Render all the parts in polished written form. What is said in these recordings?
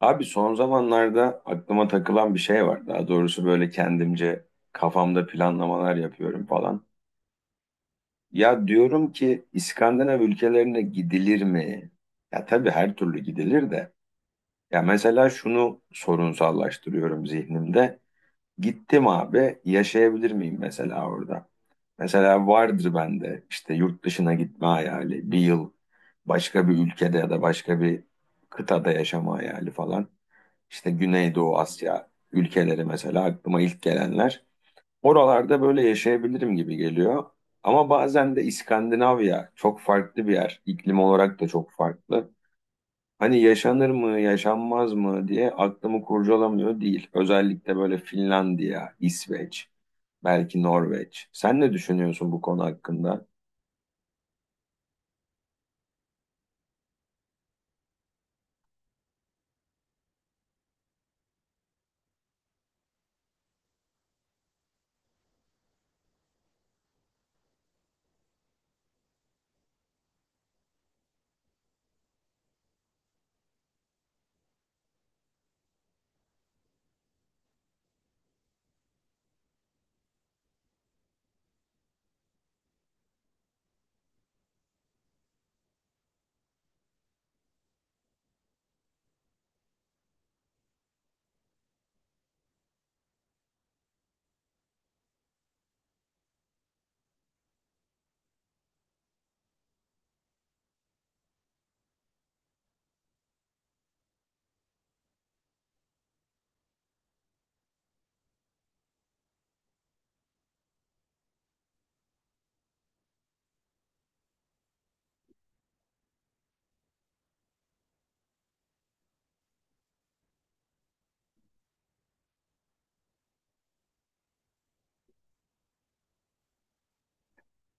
Abi son zamanlarda aklıma takılan bir şey var. Daha doğrusu böyle kendimce kafamda planlamalar yapıyorum falan. Ya diyorum ki İskandinav ülkelerine gidilir mi? Ya tabii her türlü gidilir de. Ya mesela şunu sorunsallaştırıyorum zihnimde. Gittim abi yaşayabilir miyim mesela orada? Mesela vardır bende işte yurt dışına gitme hayali, bir yıl başka bir ülkede ya da başka bir kıtada yaşama hayali falan işte Güneydoğu Asya ülkeleri mesela aklıma ilk gelenler. Oralarda böyle yaşayabilirim gibi geliyor. Ama bazen de İskandinavya çok farklı bir yer. İklim olarak da çok farklı. Hani yaşanır mı, yaşanmaz mı diye aklımı kurcalamıyor değil. Özellikle böyle Finlandiya, İsveç, belki Norveç. Sen ne düşünüyorsun bu konu hakkında?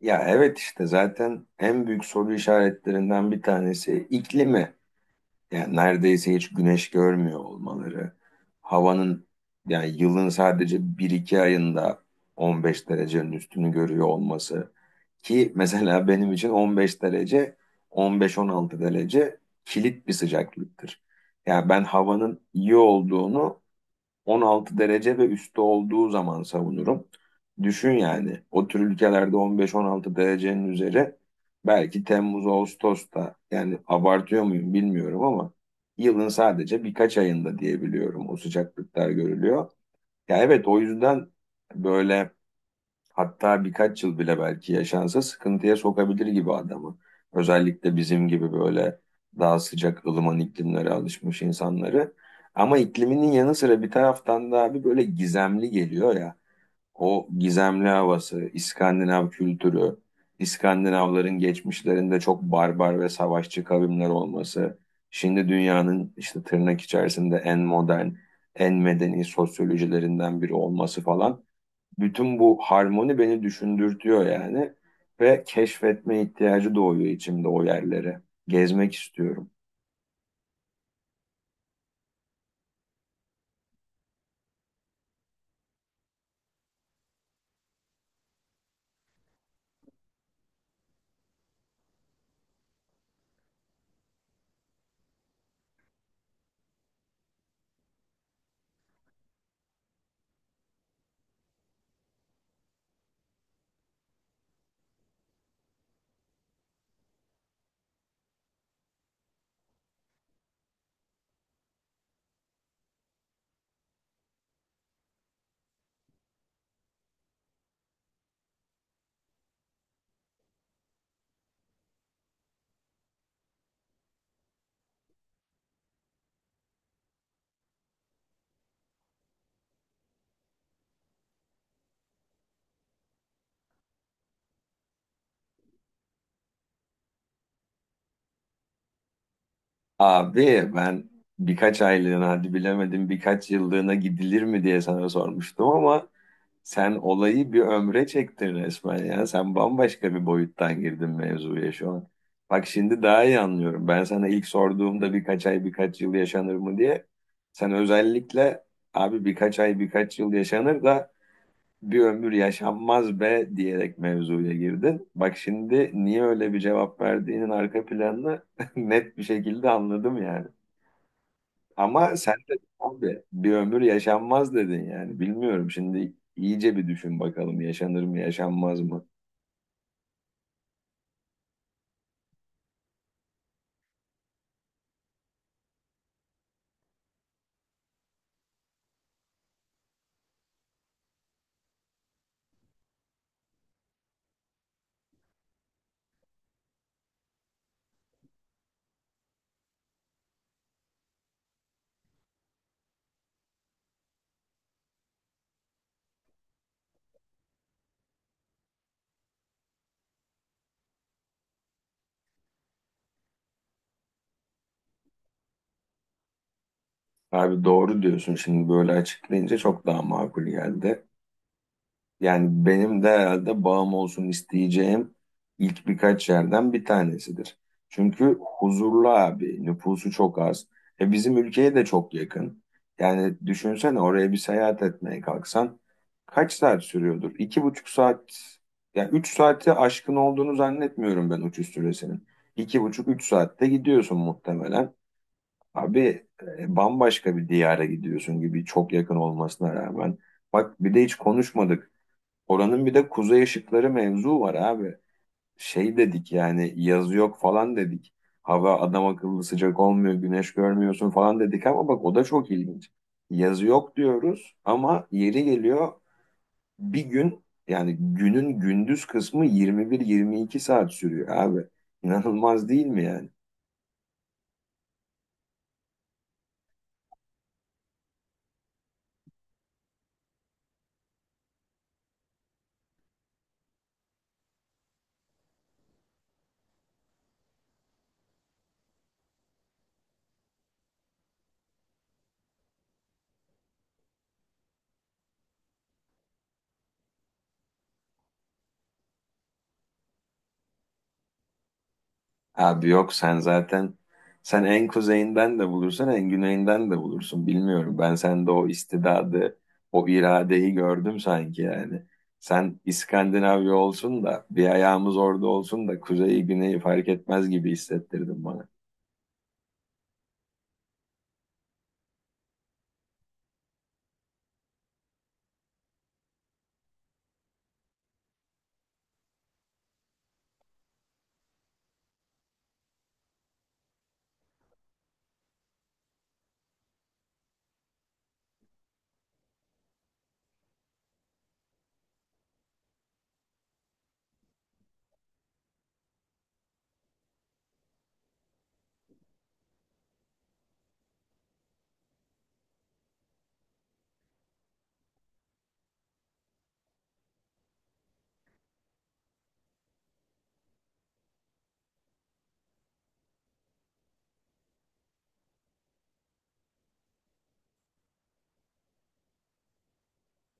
Ya evet, işte zaten en büyük soru işaretlerinden bir tanesi iklimi. Yani neredeyse hiç güneş görmüyor olmaları, havanın yani yılın sadece bir iki ayında 15 derecenin üstünü görüyor olması, ki mesela benim için 15 derece, 15-16 derece kilit bir sıcaklıktır. Yani ben havanın iyi olduğunu 16 derece ve üstü olduğu zaman savunurum. Düşün, yani o tür ülkelerde 15-16 derecenin üzeri belki Temmuz Ağustos'ta, yani abartıyor muyum bilmiyorum ama yılın sadece birkaç ayında diyebiliyorum o sıcaklıklar görülüyor. Ya evet, o yüzden böyle, hatta birkaç yıl bile belki yaşansa sıkıntıya sokabilir gibi adamı. Özellikle bizim gibi böyle daha sıcak ılıman iklimlere alışmış insanları. Ama ikliminin yanı sıra bir taraftan da abi böyle gizemli geliyor ya. O gizemli havası, İskandinav kültürü, İskandinavların geçmişlerinde çok barbar ve savaşçı kavimler olması. Şimdi dünyanın işte tırnak içerisinde en modern, en medeni sosyolojilerinden biri olması falan, bütün bu harmoni beni düşündürtüyor yani, ve keşfetme ihtiyacı doğuyor içimde o yerlere. Gezmek istiyorum. Abi ben birkaç aylığına, hadi bilemedim birkaç yıllığına gidilir mi diye sana sormuştum ama sen olayı bir ömre çektin resmen ya. Sen bambaşka bir boyuttan girdin mevzuya şu an. Bak, şimdi daha iyi anlıyorum. Ben sana ilk sorduğumda birkaç ay birkaç yıl yaşanır mı diye sen özellikle, abi birkaç ay birkaç yıl yaşanır da bir ömür yaşanmaz be diyerek mevzuya girdin. Bak şimdi niye öyle bir cevap verdiğinin arka planını net bir şekilde anladım yani. Ama sen de abi bir ömür yaşanmaz dedin yani. Bilmiyorum, şimdi iyice bir düşün bakalım yaşanır mı yaşanmaz mı? Abi doğru diyorsun, şimdi böyle açıklayınca çok daha makul geldi. Yani benim de herhalde bağım olsun isteyeceğim ilk birkaç yerden bir tanesidir. Çünkü huzurlu abi, nüfusu çok az. E bizim ülkeye de çok yakın. Yani düşünsene, oraya bir seyahat etmeye kalksan kaç saat sürüyordur? İki buçuk saat, ya üç saati aşkın olduğunu zannetmiyorum ben uçuş süresinin. İki buçuk, üç saatte gidiyorsun muhtemelen. Abi bambaşka bir diyara gidiyorsun gibi, çok yakın olmasına rağmen. Bak, bir de hiç konuşmadık. Oranın bir de kuzey ışıkları mevzu var abi. Şey dedik yani, yazı yok falan dedik. Hava adam akıllı sıcak olmuyor, güneş görmüyorsun falan dedik ama bak o da çok ilginç. Yazı yok diyoruz ama yeri geliyor bir gün, yani günün gündüz kısmı 21-22 saat sürüyor abi. İnanılmaz değil mi yani? Abi yok, sen zaten sen en kuzeyinden de bulursun en güneyinden de bulursun, bilmiyorum. Ben sende o istidadı, o iradeyi gördüm sanki yani. Sen İskandinavya olsun da bir ayağımız orada olsun da kuzeyi güneyi fark etmez gibi hissettirdin bana.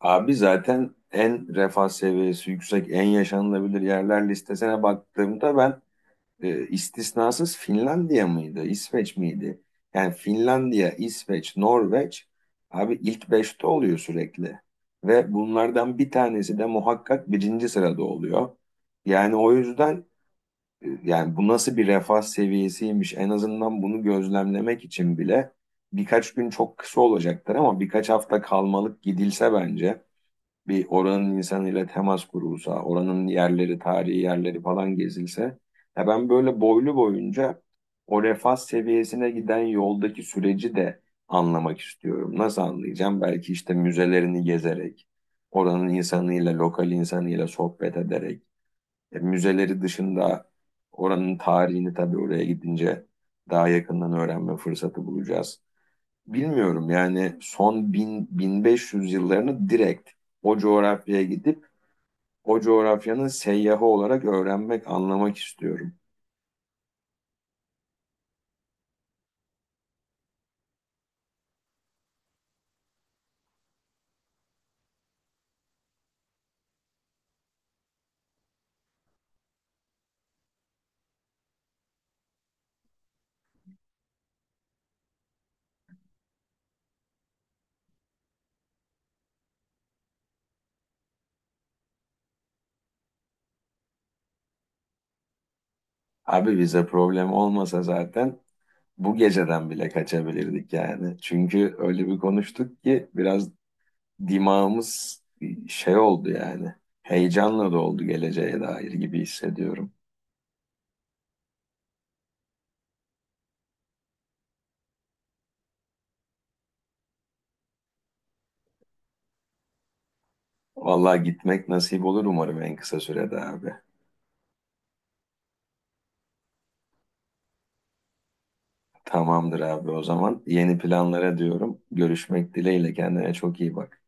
Abi zaten en refah seviyesi yüksek en yaşanılabilir yerler listesine baktığımda ben istisnasız Finlandiya mıydı, İsveç miydi? Yani Finlandiya, İsveç, Norveç abi ilk beşte oluyor sürekli. Ve bunlardan bir tanesi de muhakkak birinci sırada oluyor. Yani o yüzden yani bu nasıl bir refah seviyesiymiş, en azından bunu gözlemlemek için bile birkaç gün çok kısa olacaktır ama birkaç hafta kalmalık gidilse bence, bir oranın insanıyla temas kurulsa, oranın yerleri, tarihi yerleri falan gezilse, ya ben böyle boylu boyunca o refah seviyesine giden yoldaki süreci de anlamak istiyorum. Nasıl anlayacağım? Belki işte müzelerini gezerek, oranın insanıyla, lokal insanıyla sohbet ederek, müzeleri dışında oranın tarihini tabii oraya gidince daha yakından öğrenme fırsatı bulacağız. Bilmiyorum, yani son 1000 1500 yıllarını direkt o coğrafyaya gidip o coğrafyanın seyyahı olarak öğrenmek, anlamak istiyorum. Abi bize problem olmasa zaten bu geceden bile kaçabilirdik yani. Çünkü öyle bir konuştuk ki biraz dimağımız şey oldu yani. Heyecanla doldu geleceğe dair gibi hissediyorum. Vallahi gitmek nasip olur umarım en kısa sürede abi. Tamamdır abi, o zaman. Yeni planlara diyorum. Görüşmek dileğiyle kendine çok iyi bak.